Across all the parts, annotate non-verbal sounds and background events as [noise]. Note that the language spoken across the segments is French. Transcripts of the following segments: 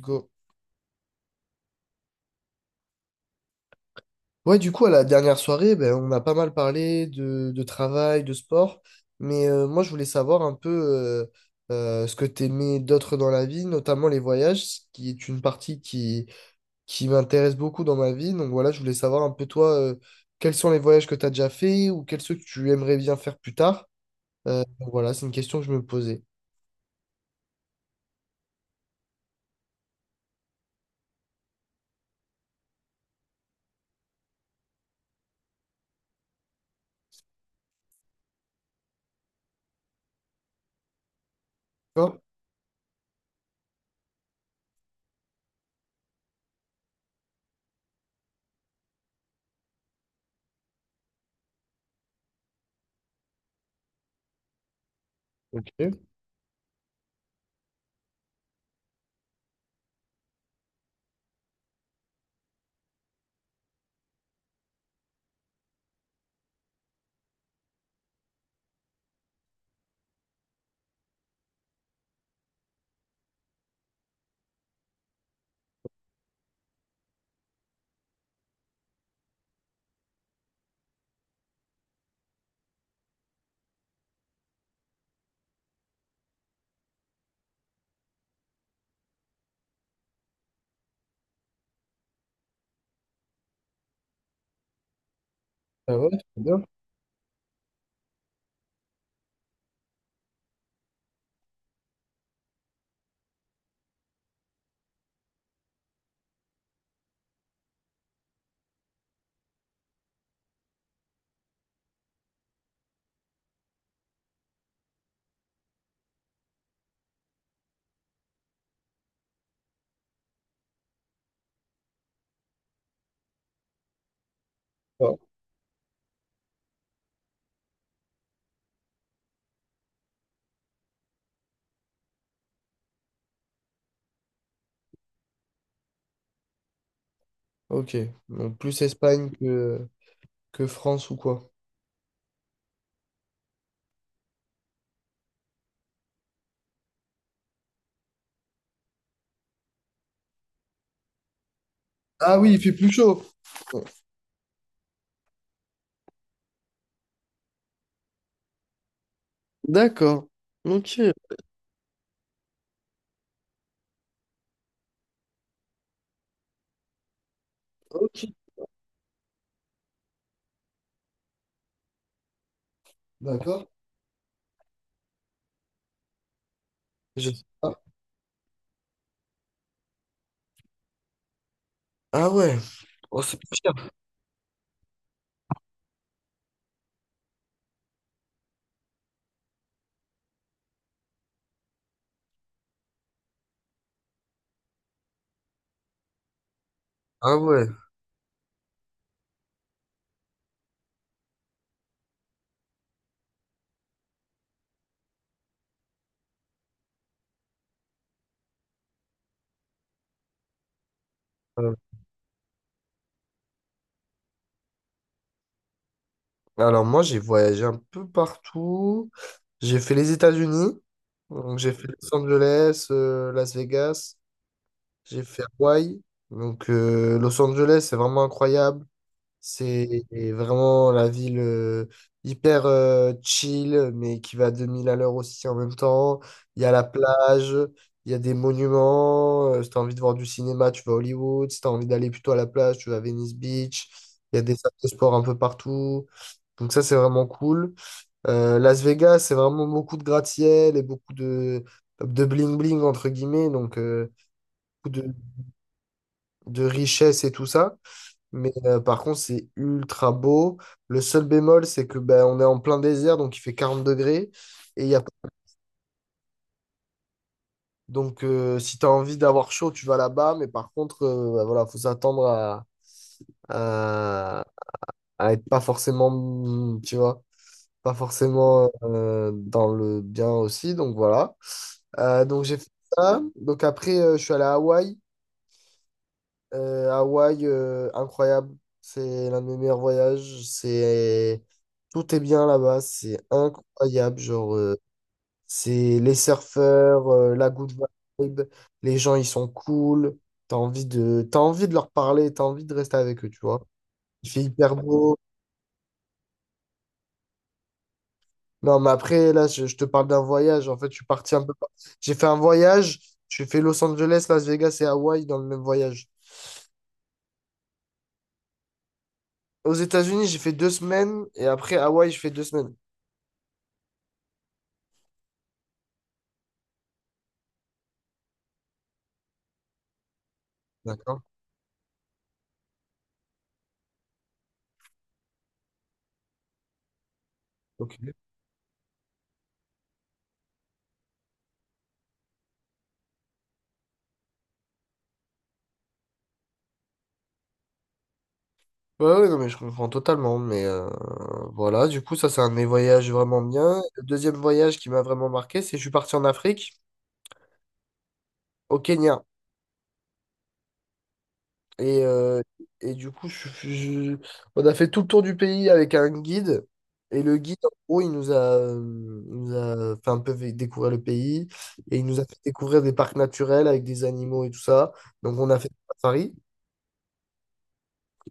Go. Ouais, du coup, à la dernière soirée, ben, on a pas mal parlé de travail, de sport, mais moi, je voulais savoir un peu ce que t'aimais d'autre dans la vie, notamment les voyages, ce qui est une partie qui m'intéresse beaucoup dans ma vie. Donc voilà, je voulais savoir un peu toi, quels sont les voyages que tu as déjà fait ou quels ceux que tu aimerais bien faire plus tard. Donc voilà, c'est une question que je me posais. D'accord? Ok. Ah ouais, c'est bien. Ah. Ok. Donc plus Espagne que France ou quoi? Ah oui, il fait plus chaud. D'accord. Ok. Ok. D'accord? Je- Ah, ah ouais. Oh, c'est- ah ouais. Euh, Alors moi, j'ai voyagé un peu partout. J'ai fait les États-Unis. Donc j'ai fait Los Angeles, Las Vegas. J'ai fait Hawaï. Donc Los Angeles, c'est vraiment incroyable. C'est vraiment la ville hyper chill, mais qui va à 2000 à l'heure aussi en même temps. Il y a la plage, il y a des monuments. Si t'as envie de voir du cinéma, tu vas à Hollywood. Si t'as envie d'aller plutôt à la plage, tu vas à Venice Beach. Il y a des salles de sport un peu partout. Donc ça, c'est vraiment cool. Las Vegas, c'est vraiment beaucoup de gratte-ciel et beaucoup de bling-bling, entre guillemets. Donc, beaucoup de richesse et tout ça. Mais par contre, c'est ultra beau. Le seul bémol, c'est que ben, on est en plein désert, donc il fait 40 degrés. Et il y a... Donc, si tu as envie d'avoir chaud, tu vas là-bas. Mais par contre, ben, voilà, faut s'attendre à... à être pas forcément, tu vois, pas forcément dans le bien aussi. Donc, voilà. Donc, j'ai fait ça. Donc, après, je suis allé à Hawaï. Hawaï, incroyable. C'est l'un de mes meilleurs voyages. C'est... Tout est bien là-bas. C'est incroyable. Genre, c'est les surfeurs, la good vibe. Les gens, ils sont cool. T'as envie de leur parler. T'as envie de rester avec eux, tu vois. Il fait hyper beau. Non, mais après, là, je te parle d'un voyage. En fait, je suis parti un peu... J'ai fait un voyage. J'ai fait Los Angeles, Las Vegas et Hawaï dans le même voyage. Aux États-Unis, j'ai fait 2 semaines. Et après, Hawaï, je fais 2 semaines. D'accord. Ok. Ouais, ouais, non, mais je comprends totalement. Mais voilà, du coup, ça, c'est un de mes voyages vraiment bien. Le deuxième voyage qui m'a vraiment marqué, c'est que je suis parti en Afrique, au Kenya. Et, euh, et du coup, on a fait tout le tour du pays avec un guide. Et le guide, en gros, il nous a fait un peu découvrir le pays. Et il nous a fait découvrir des parcs naturels avec des animaux et tout ça. Donc, on a fait des safaris.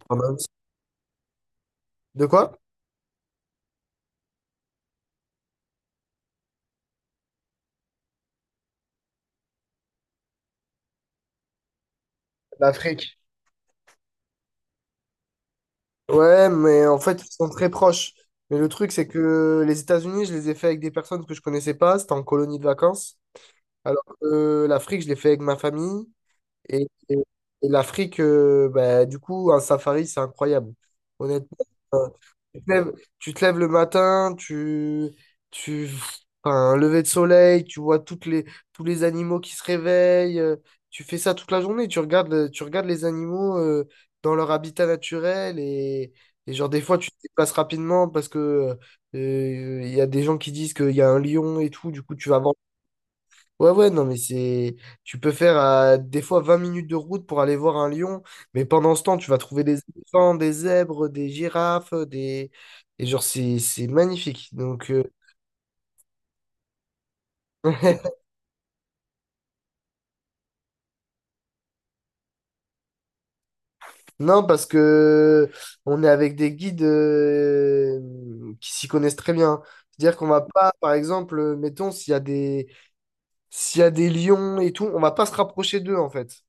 On a aussi- De quoi? L'Afrique. Ouais, mais en fait, ils sont très proches. Mais le truc, c'est que les États-Unis, je les ai fait avec des personnes que je connaissais pas. C'était en colonie de vacances. Alors que l'Afrique, je l'ai fait avec ma famille. Et, et- et l'Afrique, bah, du coup, un safari, c'est incroyable. Honnêtement. Tu te lèves, tu te lèves le matin, tu, enfin, un lever de soleil, tu vois tous les animaux qui se réveillent, tu fais ça toute la journée, tu regardes, tu regardes les animaux dans leur habitat naturel et genre des fois tu te déplaces rapidement parce que il y a des gens qui disent qu'il y a un lion et tout, du coup tu vas voir. Ouais, ouais, non, mais c'est. Tu peux faire des fois 20 minutes de route pour aller voir un lion, mais pendant ce temps, tu vas trouver des éléphants, des zèbres, des girafes, des. Et genre, c'est magnifique. Donc, [laughs] non, parce que on est avec des guides qui s'y connaissent très bien. C'est-à-dire qu'on va pas, par exemple, mettons, s'il y a des lions et tout, on va pas se rapprocher d'eux, en fait.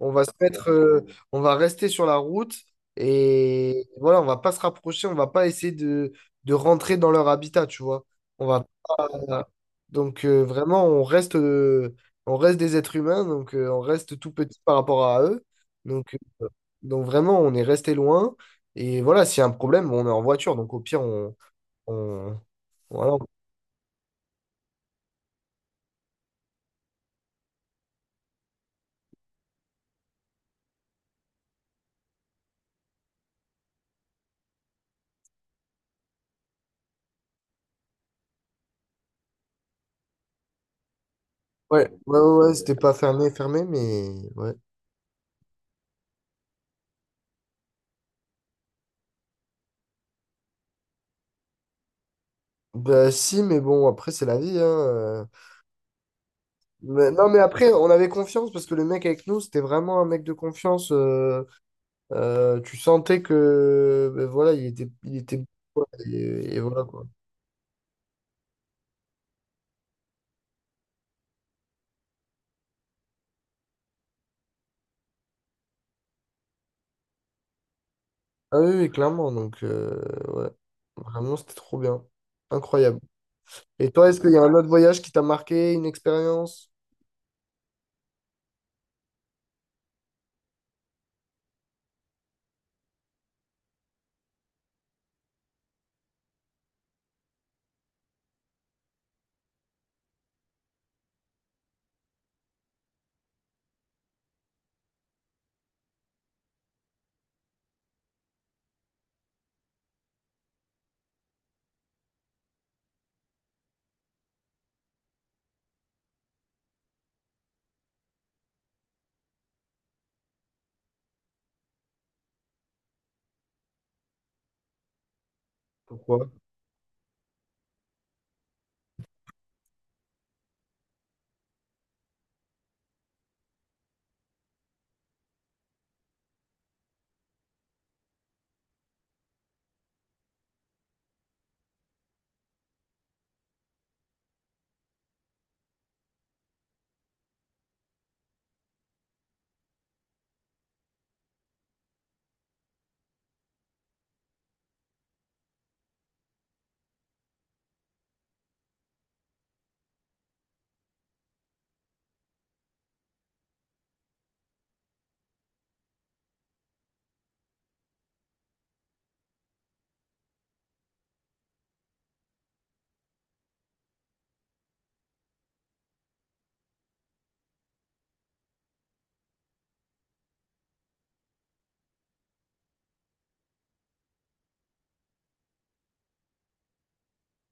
On va se mettre, on va rester sur la route et voilà, on va pas se rapprocher, on va pas essayer de rentrer dans leur habitat, tu vois. On va pas- Donc vraiment, on reste des êtres humains, donc on reste tout petit par rapport à eux. Donc, euh, donc vraiment, on est resté loin. Et voilà, s'il y a un problème, on est en voiture, donc au pire, on... voilà. Ouais, ouais, ouais, ouais, c'était pas fermé, fermé, mais ouais. Bah si, mais bon, après, c'est la vie, hein. Non, mais après, on avait confiance parce que le mec avec nous, c'était vraiment un mec de confiance. Tu sentais que, ben voilà, il était, et voilà quoi. Ah oui, oui, clairement. Donc, ouais, vraiment, c'était trop bien. Incroyable. Et toi, est-ce qu'il y a un autre voyage qui t'a marqué, une expérience? Pourquoi?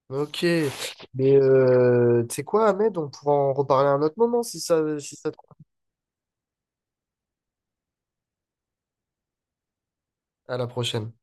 Ok. Mais tu sais quoi, Ahmed, on pourra en reparler à un autre moment si ça te... À la prochaine.